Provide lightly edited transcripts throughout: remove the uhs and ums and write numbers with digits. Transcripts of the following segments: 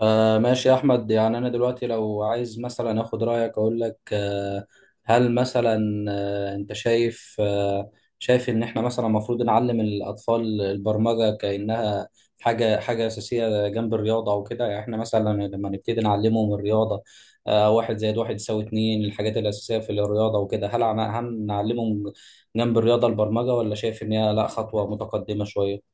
آه، ماشي يا أحمد. يعني أنا دلوقتي لو عايز مثلا أخد رأيك أقول لك، هل مثلا، أنت شايف، شايف إن إحنا مثلا المفروض نعلم الأطفال البرمجة كأنها حاجة أساسية جنب الرياضة وكده. يعني إحنا مثلا لما نبتدي نعلمهم الرياضة، واحد زائد واحد يساوي اتنين، الحاجات الأساسية في الرياضة وكده، هل هم نعلمهم جنب الرياضة البرمجة، ولا شايف إن هي لأ خطوة متقدمة شوية؟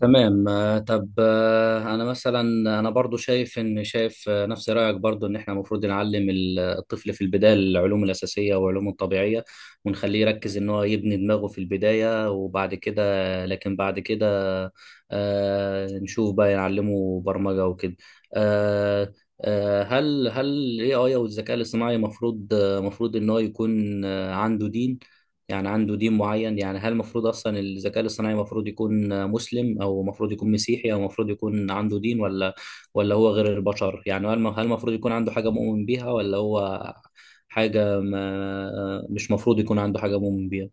تمام. طب، انا برضو شايف ان، شايف آه، نفس رايك، برضو ان احنا المفروض نعلم الطفل في البدايه العلوم الاساسيه والعلوم الطبيعيه، ونخليه يركز ان هو يبني دماغه في البدايه، وبعد كده، لكن بعد كده نشوف بقى نعلمه برمجه وكده. آه، هل الاي اي او الذكاء الاصطناعي المفروض ان هو يكون عنده دين، يعني عنده دين معين؟ يعني هل المفروض اصلا الذكاء الاصطناعي المفروض يكون مسلم، او المفروض يكون مسيحي، او المفروض يكون عنده دين، ولا ولا هو غير البشر؟ يعني هل المفروض يكون عنده حاجة مؤمن بيها، ولا هو حاجة ما مش مفروض يكون عنده حاجة مؤمن بيها؟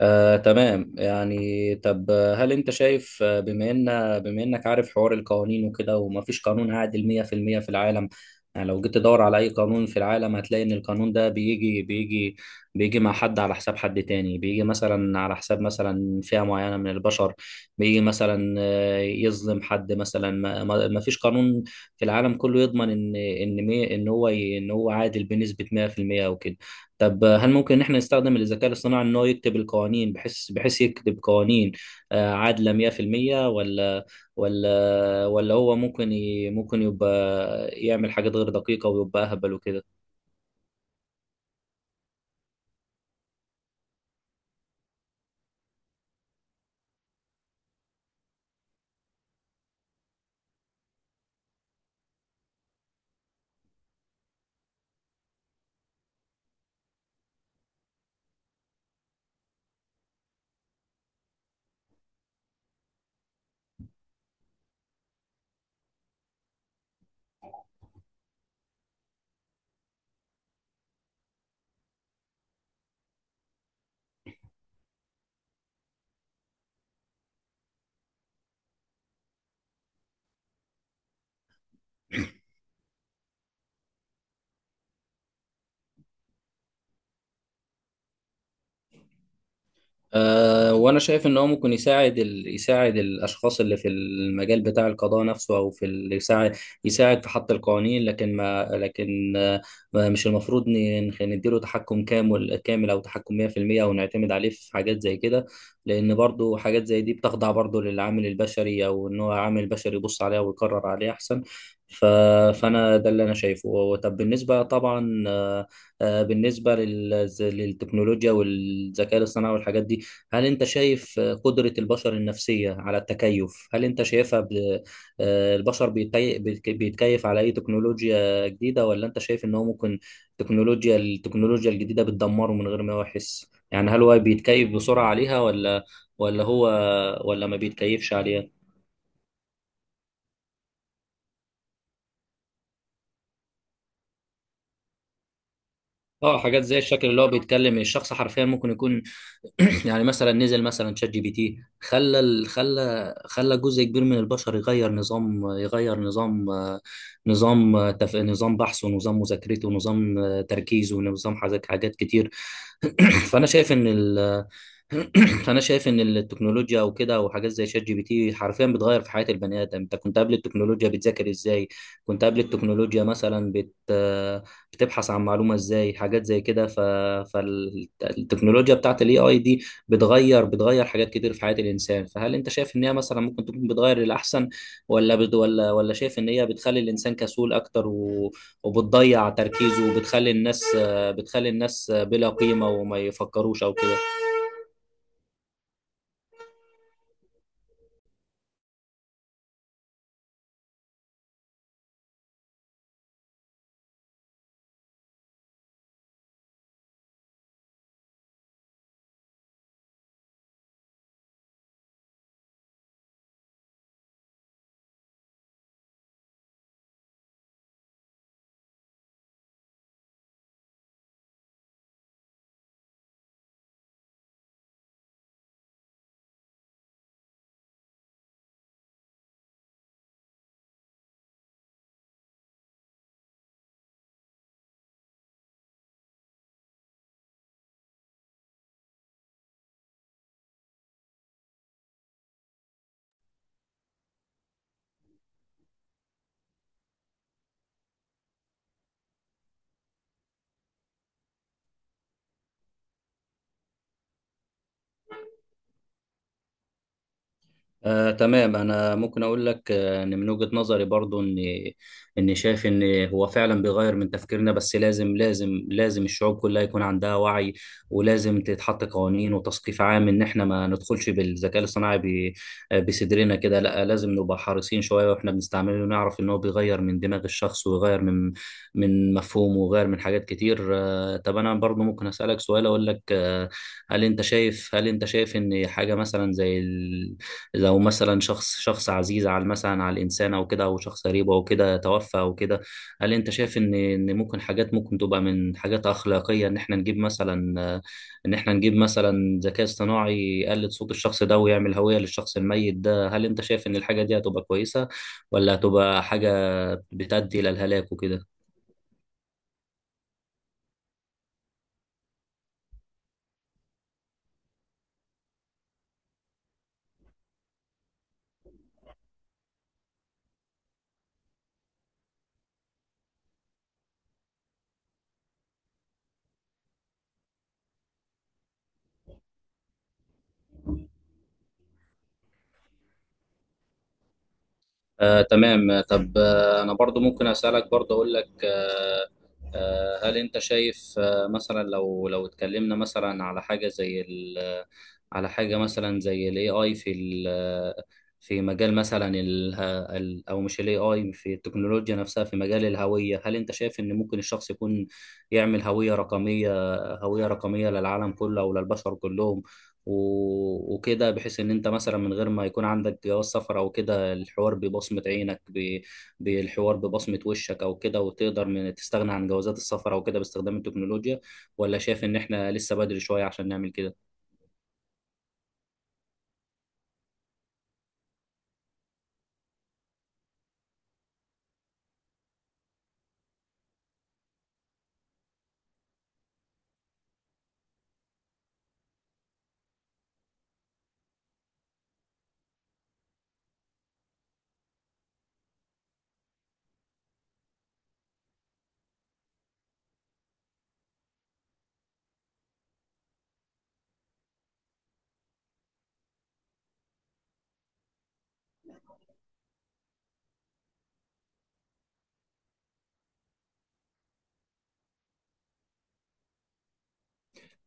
تمام. يعني طب، هل انت شايف، بما انك عارف حوار القوانين وكده، وما فيش قانون عادل 100% في المية في العالم، يعني لو جيت تدور على اي قانون في العالم هتلاقي ان القانون ده بيجي مع حد على حساب حد تاني، بيجي مثلا على حساب مثلا فئة معينة من البشر، بيجي مثلا يظلم حد مثلا. ما فيش قانون في العالم كله يضمن ان هو عادل بنسبة 100% وكده. طب هل ممكن ان احنا نستخدم الذكاء الاصطناعي ان هو يكتب القوانين، بحيث يكتب قوانين عادلة 100%، ولا هو ممكن يبقى يعمل حاجات غير دقيقة ويبقى اهبل وكده؟ أه، وأنا شايف إن هو ممكن يساعد الأشخاص اللي في المجال بتاع القضاء نفسه، أو في ال... يساعد يساعد في حط القوانين، لكن ما لكن آه، ما- مش المفروض نديله تحكم كامل، أو تحكم 100%، أو نعتمد عليه في حاجات زي كده، لأن برضو حاجات زي دي بتخضع برضو للعامل البشري، أو إن هو عامل بشري يبص عليها ويقرر عليها أحسن. ف... فأنا ده اللي أنا شايفه. طب بالنسبة طبعا، بالنسبة للتكنولوجيا والذكاء الاصطناعي والحاجات دي، هل انت شايف قدرة البشر النفسية على التكيف؟ هل انت شايفها ب... آه، البشر بيتكيف على اي تكنولوجيا جديدة، ولا انت شايف ان هو ممكن التكنولوجيا الجديدة بتدمره من غير ما هو يحس؟ يعني هل هو بيتكيف بسرعة عليها، ولا هو ولا ما بيتكيفش عليها؟ اه، حاجات زي الشكل اللي هو بيتكلم الشخص حرفيا، ممكن يكون يعني مثلا نزل مثلا شات جي بي تي، خلى ال- خلى خلى جزء كبير من البشر يغير نظام، نظام نظام بحثه، ونظام مذاكرته، ونظام تركيزه، ونظام حاجات كتير. فانا شايف ان ال... فانا شايف ان التكنولوجيا او كده، وحاجات زي شات جي بي تي، حرفيا بتغير في حياه البني ادم. انت كنت قبل التكنولوجيا بتذاكر ازاي؟ كنت قبل التكنولوجيا مثلا بتبحث عن معلومة ازاي؟ حاجات زي كده. فالتكنولوجيا بتاعت الاي اي دي بتغير حاجات كتير في حياة الانسان. فهل انت شايف ان هي مثلا ممكن تكون بتغير للاحسن، ولا بت... ولا ولا شايف ان هي بتخلي الانسان كسول اكتر، و... وبتضيع تركيزه، وبتخلي الناس بتخلي الناس بلا قيمة، وما يفكروش او كده؟ تمام. انا ممكن اقول لك، ان من وجهة نظري برضو، ان شايف ان هو فعلا بيغير من تفكيرنا، بس لازم الشعوب كلها يكون عندها وعي، ولازم تتحط قوانين وتثقيف عام، ان احنا ما ندخلش بالذكاء الصناعي بصدرنا كده. لا، لازم نبقى حريصين شوية واحنا بنستعمله، ونعرف ان هو بيغير من دماغ الشخص، ويغير من مفهومه، ويغير من حاجات كتير. طب انا برضو ممكن اسالك سؤال اقول لك، هل انت شايف ان حاجه مثلا زي، لو مثلا شخص عزيز على مثلا على الانسان او كده، او شخص قريب او كده، توفى او كده، هل انت شايف ان ممكن حاجات، ممكن تبقى من حاجات اخلاقيه، ان احنا نجيب مثلا ذكاء اصطناعي يقلد صوت الشخص ده، ويعمل هويه للشخص الميت ده؟ هل انت شايف ان الحاجه دي هتبقى كويسه، ولا هتبقى حاجه بتؤدي الى الهلاك وكده؟ تمام. طب، انا برضو ممكن اسالك برضو اقول لك، آه، هل انت شايف آه، مثلا، لو اتكلمنا مثلا على حاجه زي ال على حاجه مثلا زي الاي اي في ال في مجال مثلا ال ال- او مش الاي اي في التكنولوجيا نفسها، في مجال الهويه، هل انت شايف ان ممكن الشخص يكون يعمل هويه رقميه، للعالم كله، او للبشر كلهم، وكده، بحيث ان انت مثلا من غير ما يكون عندك جواز سفر او كده، الحوار ببصمة عينك، بالحوار ببصمة وشك او كده، وتقدر من تستغنى عن جوازات السفر او كده باستخدام التكنولوجيا؟ ولا شايف ان احنا لسه بدري شوية عشان نعمل كده؟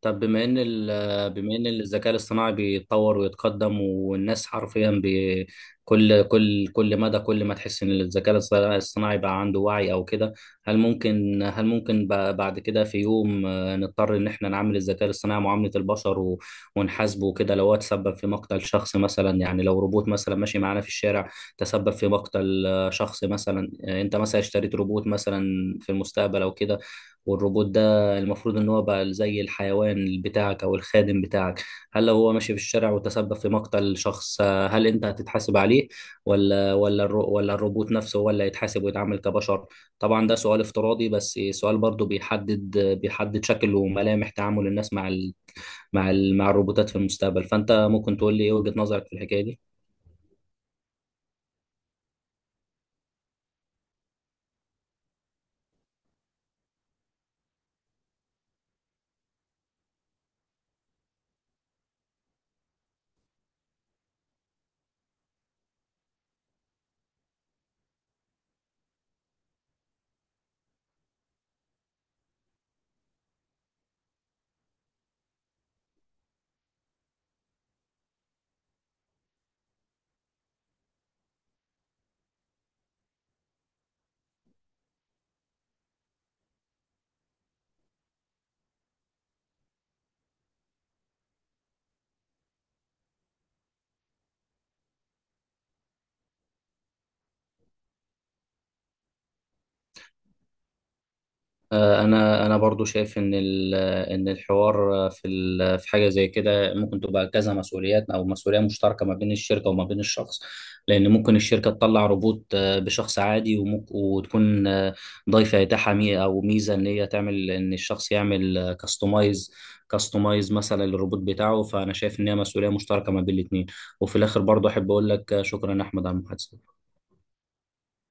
طب بما ان الذكاء الاصطناعي بيتطور ويتقدم، والناس حرفيا كل مدى، كل ما تحس ان الذكاء الاصطناعي بقى عنده وعي او كده، هل ممكن بعد كده في يوم، نضطر ان احنا نعامل الذكاء الاصطناعي معاملة البشر، ونحاسبه وكده لو هو تسبب في مقتل شخص مثلا؟ يعني لو روبوت مثلا ماشي معانا في الشارع، تسبب في مقتل شخص مثلا، انت مثلا اشتريت روبوت مثلا في المستقبل او كده، والروبوت ده المفروض ان هو بقى زي الحيوان بتاعك او الخادم بتاعك، هل لو هو ماشي في الشارع وتسبب في مقتل شخص، هل انت هتتحاسب عليه، ولا الروبوت نفسه هو اللي هيتحاسب ويتعامل كبشر؟ طبعا ده سؤال افتراضي، بس سؤال برضو بيحدد شكل وملامح تعامل الناس مع ال مع ال مع الروبوتات في المستقبل. فانت ممكن تقول لي ايه وجهة نظرك في الحكاية دي؟ انا برضو شايف ان الحوار في في حاجه زي كده ممكن تبقى كذا مسؤوليات، او مسؤوليه مشتركه ما بين الشركه وما بين الشخص، لان ممكن الشركه تطلع روبوت، بشخص عادي، وتكون ضايفه اتاحه مي- او ميزه ان هي تعمل ان الشخص يعمل كاستمايز، مثلا للروبوت بتاعه. فانا شايف ان هي مسؤوليه مشتركه ما بين الاثنين. وفي الاخر برضو احب اقول لك، شكرا يا احمد على المحادثه.